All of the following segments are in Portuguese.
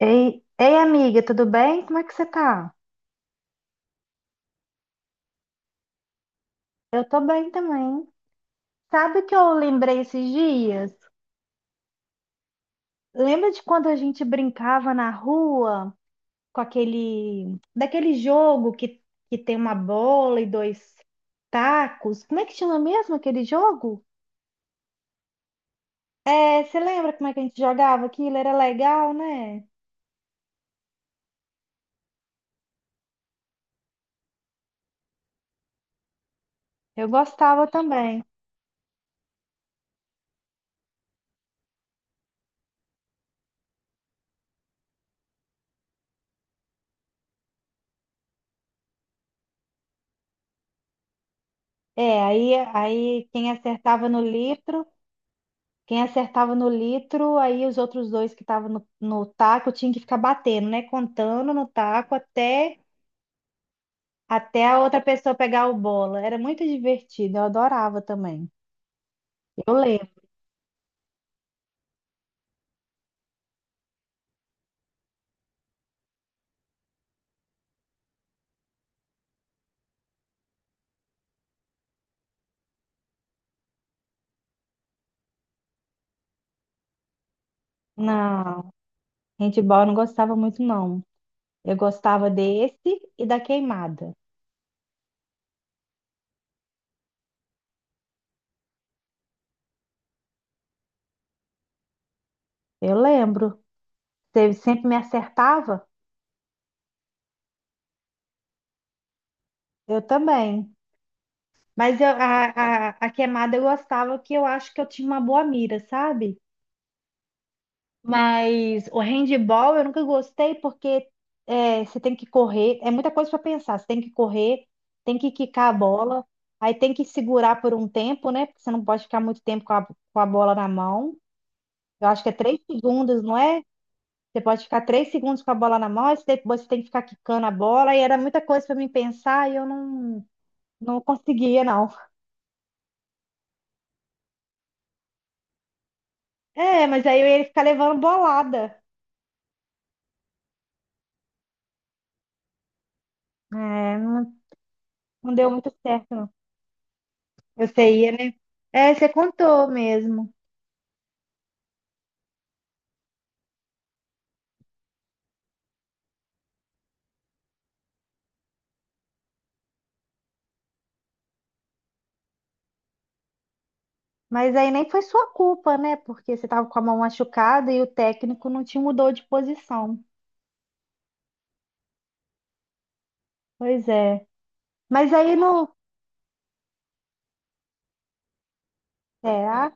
Ei, ei, amiga, tudo bem? Como é que você tá? Eu tô bem também. Sabe o que eu lembrei esses dias? Lembra de quando a gente brincava na rua com daquele jogo que tem uma bola e dois tacos? Como é que chama mesmo aquele jogo? É, você lembra como é que a gente jogava aquilo? Era legal, né? Eu gostava também. É, aí quem acertava no litro. Quem acertava no litro, aí os outros dois que estavam no taco tinham que ficar batendo, né? Contando no taco até a outra pessoa pegar o bola. Era muito divertido, eu adorava também. Eu lembro. Não, handball eu não gostava muito, não. Eu gostava desse e da queimada. Eu lembro. Você sempre me acertava? Eu também. A queimada eu gostava, que eu acho que eu tinha uma boa mira, sabe? Mas o handball eu nunca gostei porque você tem que correr, é muita coisa para pensar. Você tem que correr, tem que quicar a bola, aí tem que segurar por um tempo, né? Porque você não pode ficar muito tempo com com a bola na mão. Eu acho que é 3 segundos, não é? Você pode ficar 3 segundos com a bola na mão, depois você tem que ficar quicando a bola, e era muita coisa para mim pensar e eu não, não conseguia, não. É, mas aí eu ia ficar levando bolada. É, não, não deu muito certo, não. Eu sei, né? É, você contou mesmo. Mas aí nem foi sua culpa, né? Porque você estava com a mão machucada e o técnico não te mudou de posição. Pois é. Mas aí no. Será?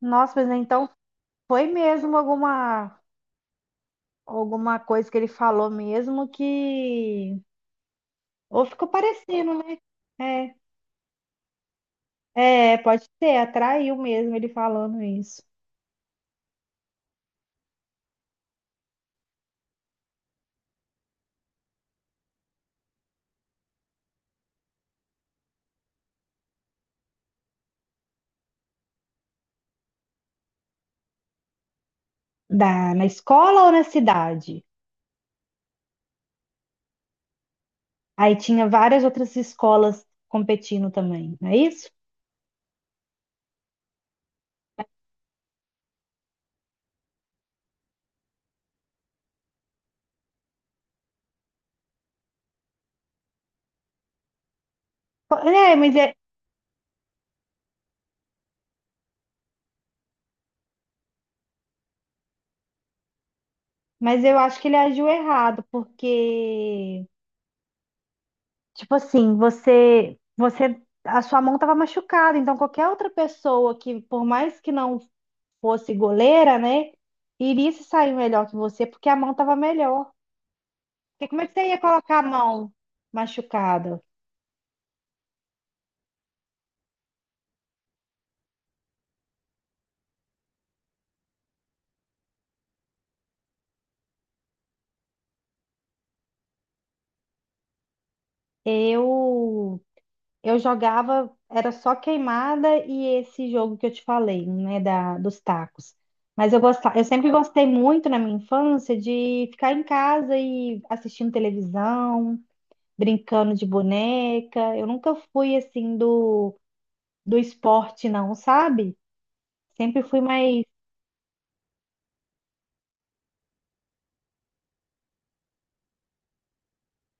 Nossa, mas então foi mesmo alguma coisa que ele falou mesmo que. Ou ficou parecendo, né? Pode ser, atraiu mesmo ele falando isso. Da, na escola ou na cidade? Aí tinha várias outras escolas competindo também, não é isso? É, mas é. Mas eu acho que ele agiu errado, porque, tipo assim, você, a sua mão estava machucada, então qualquer outra pessoa que, por mais que não fosse goleira, né, iria se sair melhor que você, porque a mão estava melhor. Porque como é que você ia colocar a mão machucada? Eu Eu jogava, era só queimada e esse jogo que eu te falei, né, dos tacos. Mas eu gostava, eu sempre gostei muito na minha infância de ficar em casa e assistindo televisão, brincando de boneca. Eu nunca fui assim do esporte, não, sabe? Sempre fui mais.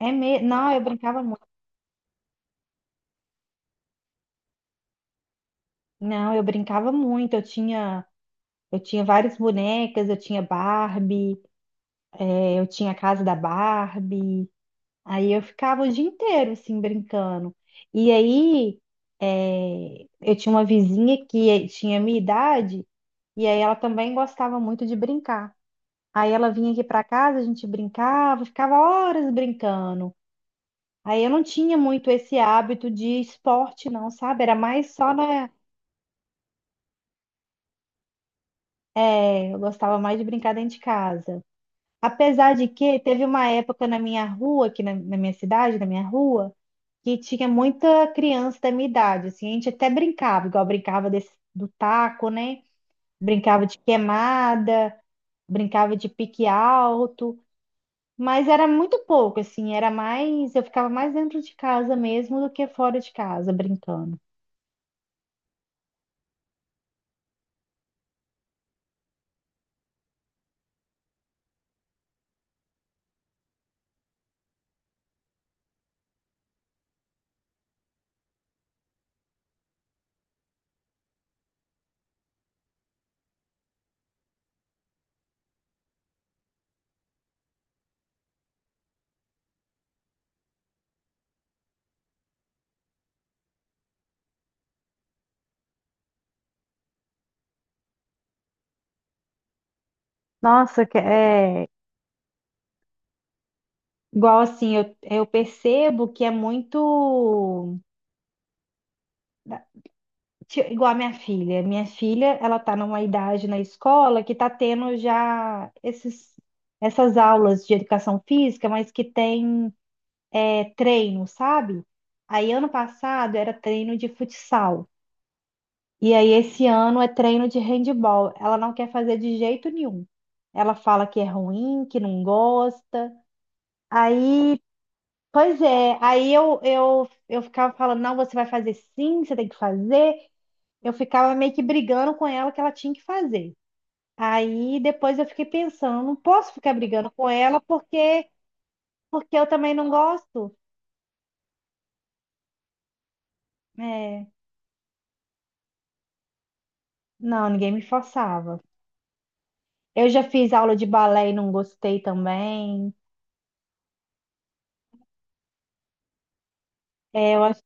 É me... Não, eu brincava muito. Não, eu brincava muito. Eu tinha várias bonecas, eu tinha Barbie, eu tinha a casa da Barbie. Aí eu ficava o dia inteiro, assim, brincando. E aí, eu tinha uma vizinha que tinha a minha idade, e aí ela também gostava muito de brincar. Aí ela vinha aqui para casa, a gente brincava, ficava horas brincando. Aí eu não tinha muito esse hábito de esporte, não, sabe? Era mais só na. Eh, eu gostava mais de brincar dentro de casa. Apesar de que teve uma época na minha rua, aqui na minha cidade, na minha rua, que tinha muita criança da minha idade, assim, a gente até brincava, igual brincava do taco, né? Brincava de queimada, brincava de pique alto, mas era muito pouco, assim, era mais, eu ficava mais dentro de casa mesmo do que fora de casa brincando. Nossa, que- é igual assim, eu percebo que é muito Ti- Igual a minha filha. Minha filha, ela tá numa idade na escola que tá tendo já essas aulas de educação física, mas que tem treino, sabe? Aí ano passado era treino de futsal. E aí esse ano é treino de handball. Ela não quer fazer de jeito nenhum. Ela fala que é ruim, que não gosta. Aí, pois é, aí eu ficava falando, não, você vai fazer sim, você tem que fazer. Eu ficava meio que brigando com ela que ela tinha que fazer. Aí depois eu fiquei pensando, não posso ficar brigando com ela porque porque eu também não gosto. É, não, ninguém me forçava. Eu já fiz aula de balé e não gostei também. É, eu, acho-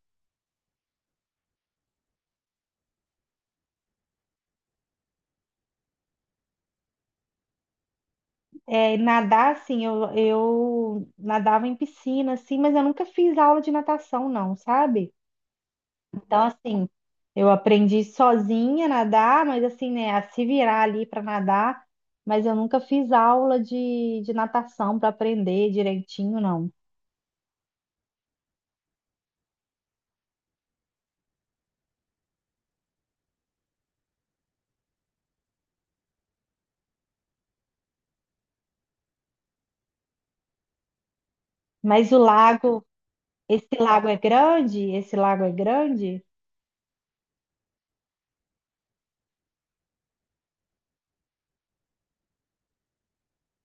é, nadar, assim, eu nadava em piscina, assim, mas eu nunca fiz aula de natação, não, sabe? Então, assim, eu aprendi sozinha a nadar, mas assim, né, a se virar ali para nadar, mas eu nunca fiz aula de natação para aprender direitinho, não. Mas o lago, esse lago é grande? Esse lago é grande?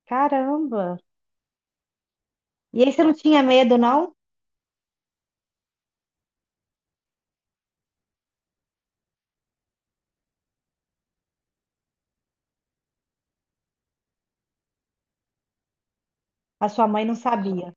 Caramba! E aí você não tinha medo, não? A sua mãe não sabia.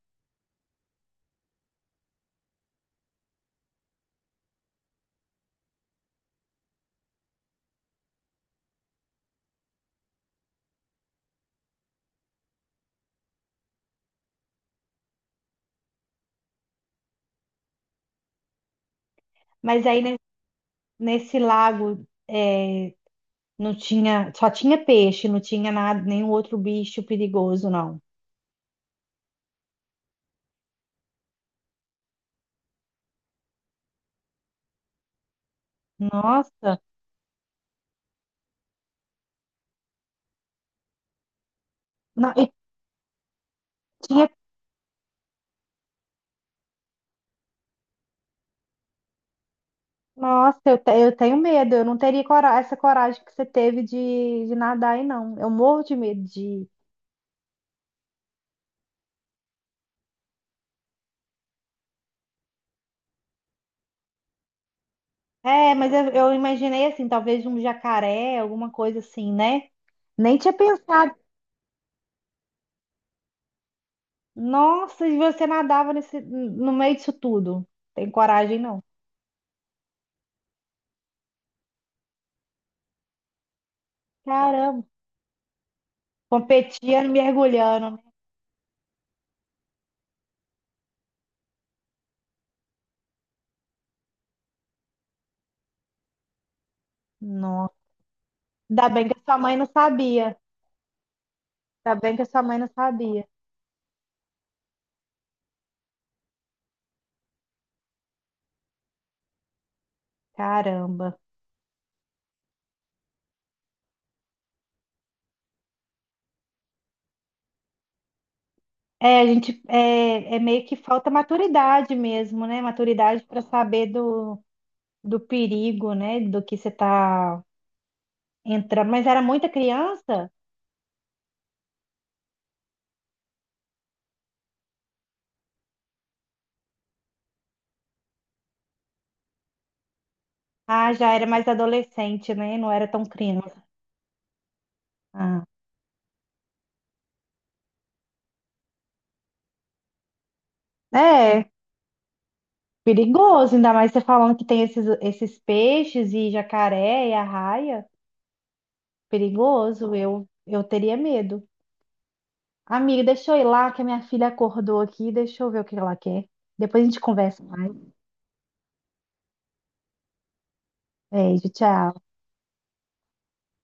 Mas aí ne- nesse lago é, não tinha, só tinha peixe, não tinha nada, nenhum outro bicho perigoso, não. Nossa! Não, e tinha Nossa, eu, te- eu tenho medo. Eu não teria cora- essa coragem que você teve de nadar aí, não. Eu morro de medo de. É, mas eu imaginei assim, talvez um jacaré, alguma coisa assim, né? Nem tinha pensado. Nossa, e você nadava no meio disso tudo. Tem coragem, não. Caramba, competia mergulhando, né? Nossa, ainda bem que a sua mãe não sabia. Ainda bem que a sua mãe não sabia. Caramba. É, a gente é, é meio que falta maturidade mesmo, né? Maturidade para saber do, do perigo, né? Do que você tá entrando. Mas era muita criança? Ah, já era mais adolescente, né? Não era tão criança. Ah, é perigoso, ainda mais você falando que tem esses peixes e jacaré e arraia. Perigoso, eu teria medo. Amiga, deixa eu ir lá que a minha filha acordou aqui. Deixa eu ver o que ela quer. Depois a gente conversa mais. Beijo, tchau.